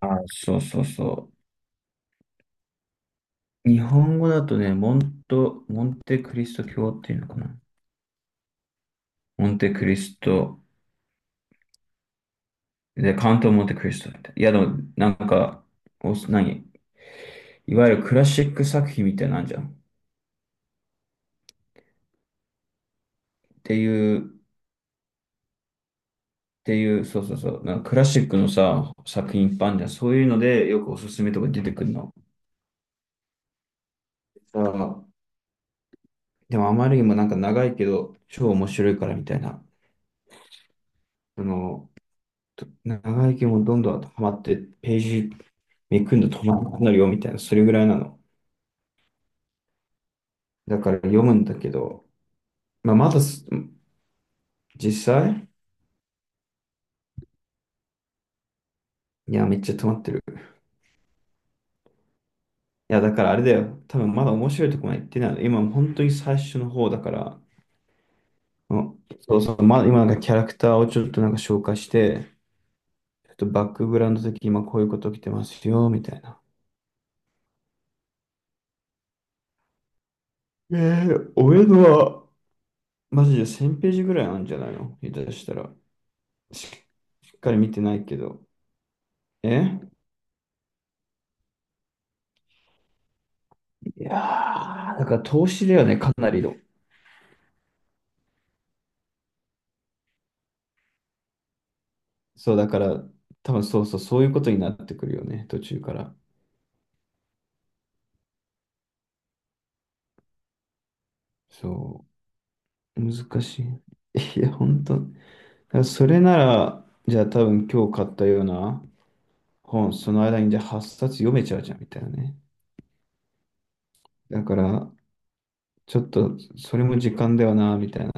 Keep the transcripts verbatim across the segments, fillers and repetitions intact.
あ、そうそうそう。日本語だとね、モント、モンテクリスト教っていうのかな。モンテクリスト、で、カントモンテクリストって。いや、でも、なんか、お、何いわゆるクラシック作品みたいなんじゃん。っていう、っていう、そうそうそう。なんかクラシックのさ、作品いっぱいあるじゃん。そういうので、よくおすすめとか出てくるの。あでも、あまりにもなんか長いけど、超面白いからみたいな。その、と長いけどどんどんハマって、ページめくんで止まらなくなるよみたいな、それぐらいなの。だから読むんだけど、まあ、まだ実際いや、めっちゃ止まってる。いや、だからあれだよ。多分まだ面白いとこまで行ってないの。今、本当に最初の方だから、うん、そうそう、まあ、今なんかキャラクターをちょっとなんか紹介して、ちょっとバックグラウンド的に今こういうこと起きてますよ、みたいな。えー、俺のは、マジでせんページページぐらいあるんじゃないの下手したら。しっかり見てないけど。え、いやー、だから投資だよね、かなりの。そう、だから、多分そうそう、そういうことになってくるよね、途中から。そう、難しい。いや、本当。だからそれなら、じゃあ多分今日買ったような本、その間にじゃあはっさつ読めちゃうじゃん、みたいなね。だから、ちょっと、それも時間ではな、みたいな。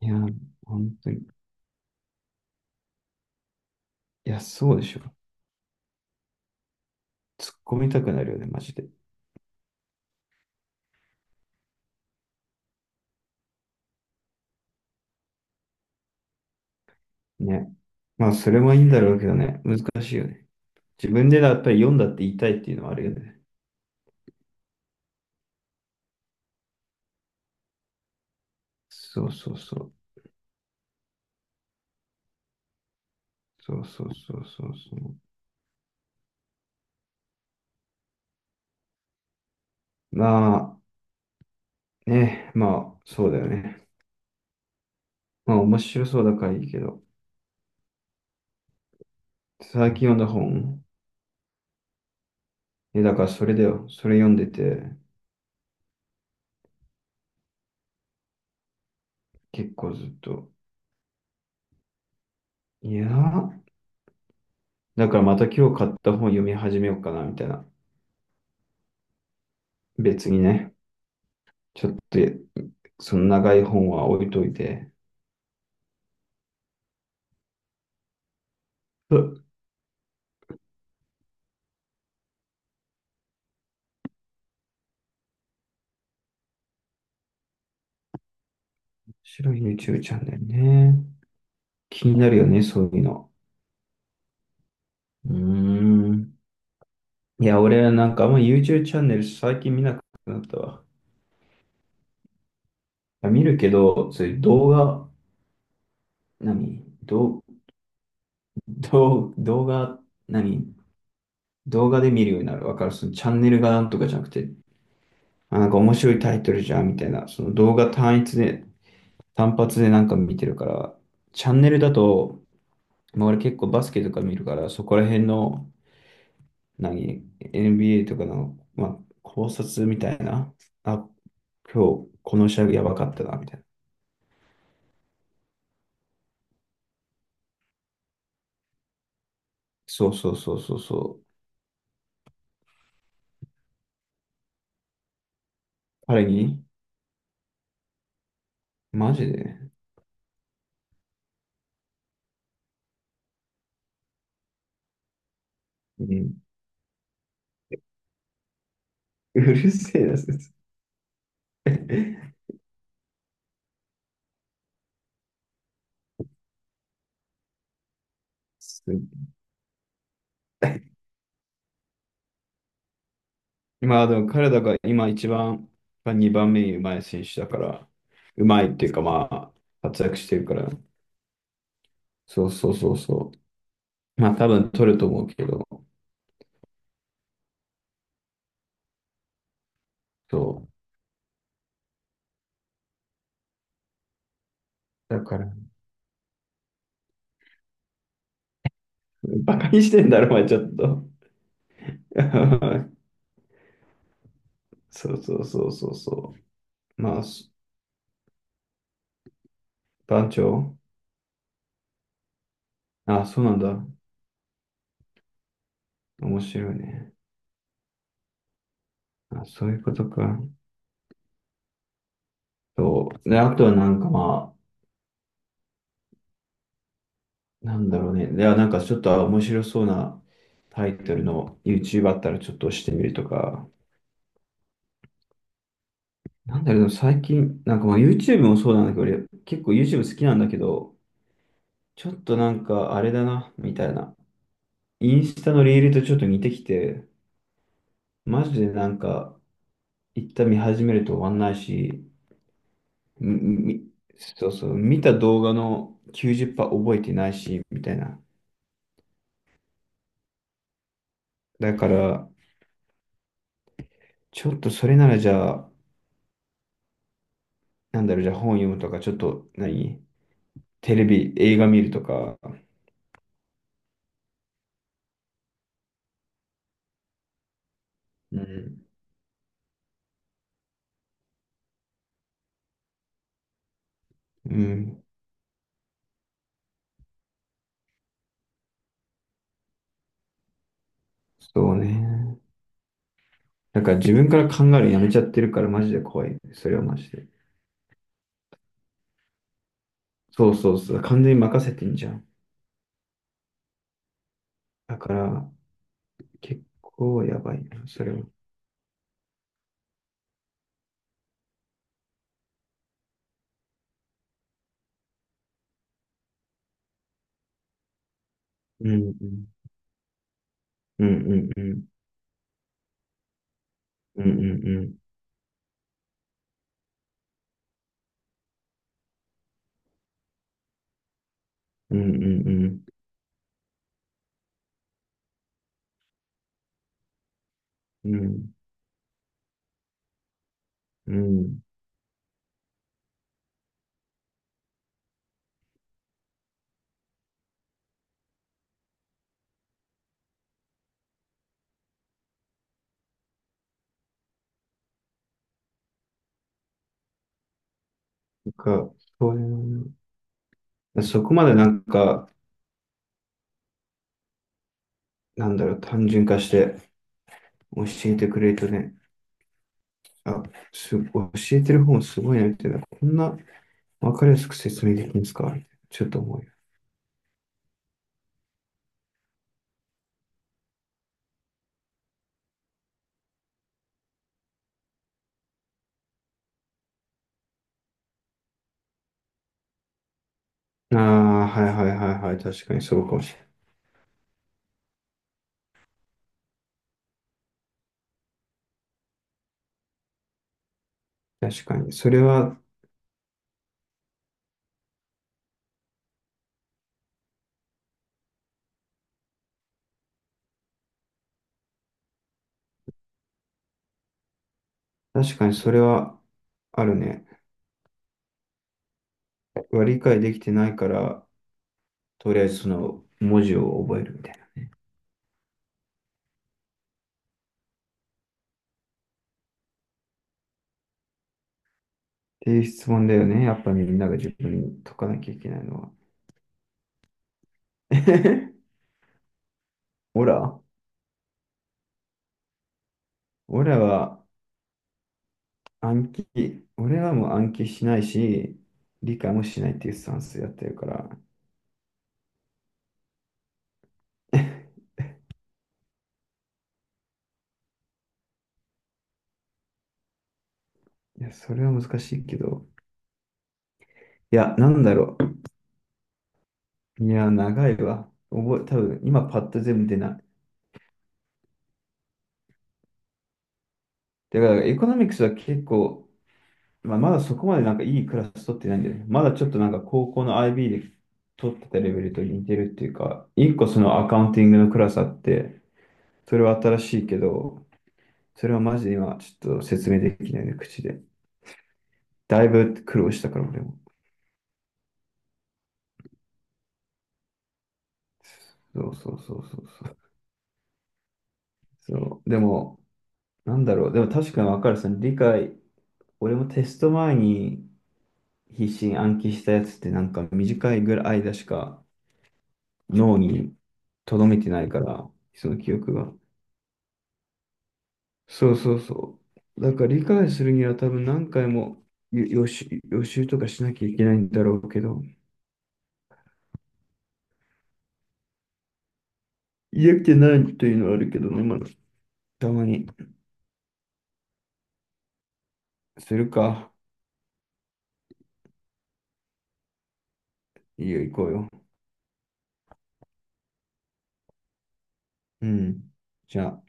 いや、本当に。いや、そうでしょ。突っ込みたくなるよね、マジで。ね。まあ、それもいいんだろうけどね、難しいよね。自分でだ、やっぱり読んだって言いたいっていうのはあるよね。そうそうそう。そうそうそうそうそう。まあ、ね、まあ、そうだよね。まあ、面白そうだからいいけど、最近読んだ本、え、だからそれだよ。それ読んでて、結構ずっと。いやー、だからまた今日買った本読み始めようかな、みたいな。別にね、ちょっと、その長い本は置いといて。うん、面白い YouTube チャンネルね。気になるよね、そういうの。うーん。いや、俺はなんかあんま YouTube チャンネル最近見なくなったわ。見るけど、そういう動画、何動、動、動画、何動画で見るようになる。わかるそのチャンネルがなんとかじゃなくて、あ、なんか面白いタイトルじゃんみたいな。その動画単一で、単発でなんか見てるから、チャンネルだと、まあ、俺結構バスケとか見るから、そこら辺の、何 エヌビーエー とかの、まあ、考察みたいな。あ、今日、この試合やばかったな、みたいな。そうそうそうそうそう。彼にマジでうん、うるせえな、そいつ、す、まあでも彼らが今一番、まあにばんめにうまい選手だから、うまいっていうかまあ、活躍してるから、そうそうそうそう。まあ多分取ると思うけど、そう。だから、バカにしてんだろ、お前ちょっと。そうそうそうそうそう。まあ、す、番長、あ、そうなんだ。面白いね。あ、そういうことか。そう。で、あとはなんかまあ、なんだろうね。では、なんかちょっと面白そうなタイトルの YouTube あったらちょっと押してみるとか。なんだろう、でも最近、なんかまあ YouTube もそうなんだけど、俺結構 YouTube 好きなんだけど、ちょっとなんかあれだな、みたいな。インスタのリールとちょっと似てきて、マジでなんか一旦見始めると終わんないし、み、みそうそう、見た動画のきゅうじゅっパーセント覚えてないし、みたいな。だから、ちょっとそれならじゃあ、なんだろう、じゃあ本読むとか、ちょっと何、テレビ、映画見るとか、うん、うん、そうね。なんか自分から考えるのやめちゃってるからマジで怖い。それはマジで。そうそうそう。完全に任せてんじゃん。だから、結構やばいな、それは。うん、うん、うん、うん、うん、うん、うん、うん、うん、うん、うん。うん、なんか、そういうの、そこまでなんか、なんだろう、単純化して教えてくれるとね、あ、す、教えてる方もすごいなみたいな、こんなわかりやすく説明できるんですかちょっと思うよ。ああ、はいはいはいはい。確かにそうかもしれない。確かに。それは、確かにそれはあるね。は理解できてないから、とりあえずその文字を覚えるみたいな。っていう質問だよね。やっぱみんなが自分に解かなきゃいけないのは。オラ、オラは暗記、俺はもう暗記しないし、理解もしないっていうスタンスでやってるから。いや、それは難しいけど。いや、なんだろう。いや、長いわ。覚え、多分今パッと全部出ない。だから、エコノミクスは結構、まあ、まだそこまでなんかいいクラス取ってないんだよね。まだちょっとなんか高校の アイビー で取ってたレベルと似てるっていうか、一個そのアカウンティングのクラスあって、それは新しいけど、それはマジで今ちょっと説明できないね、口で。だいぶ苦労したから、俺も。そうそうそうそうそう。そう。でも、なんだろう。でも確かにわかる。その理解、俺もテスト前に、必死に暗記したやつってなんか短いぐらい間しか脳に留めてないから、その記憶が。そうそうそう。だから理解するには多分何回も予予習、予習とかしなきゃいけないんだろうけど、嫌気ないというのはあるけどね、まあ、たまにするか。いいよ、行こうよ。うん。じゃあ。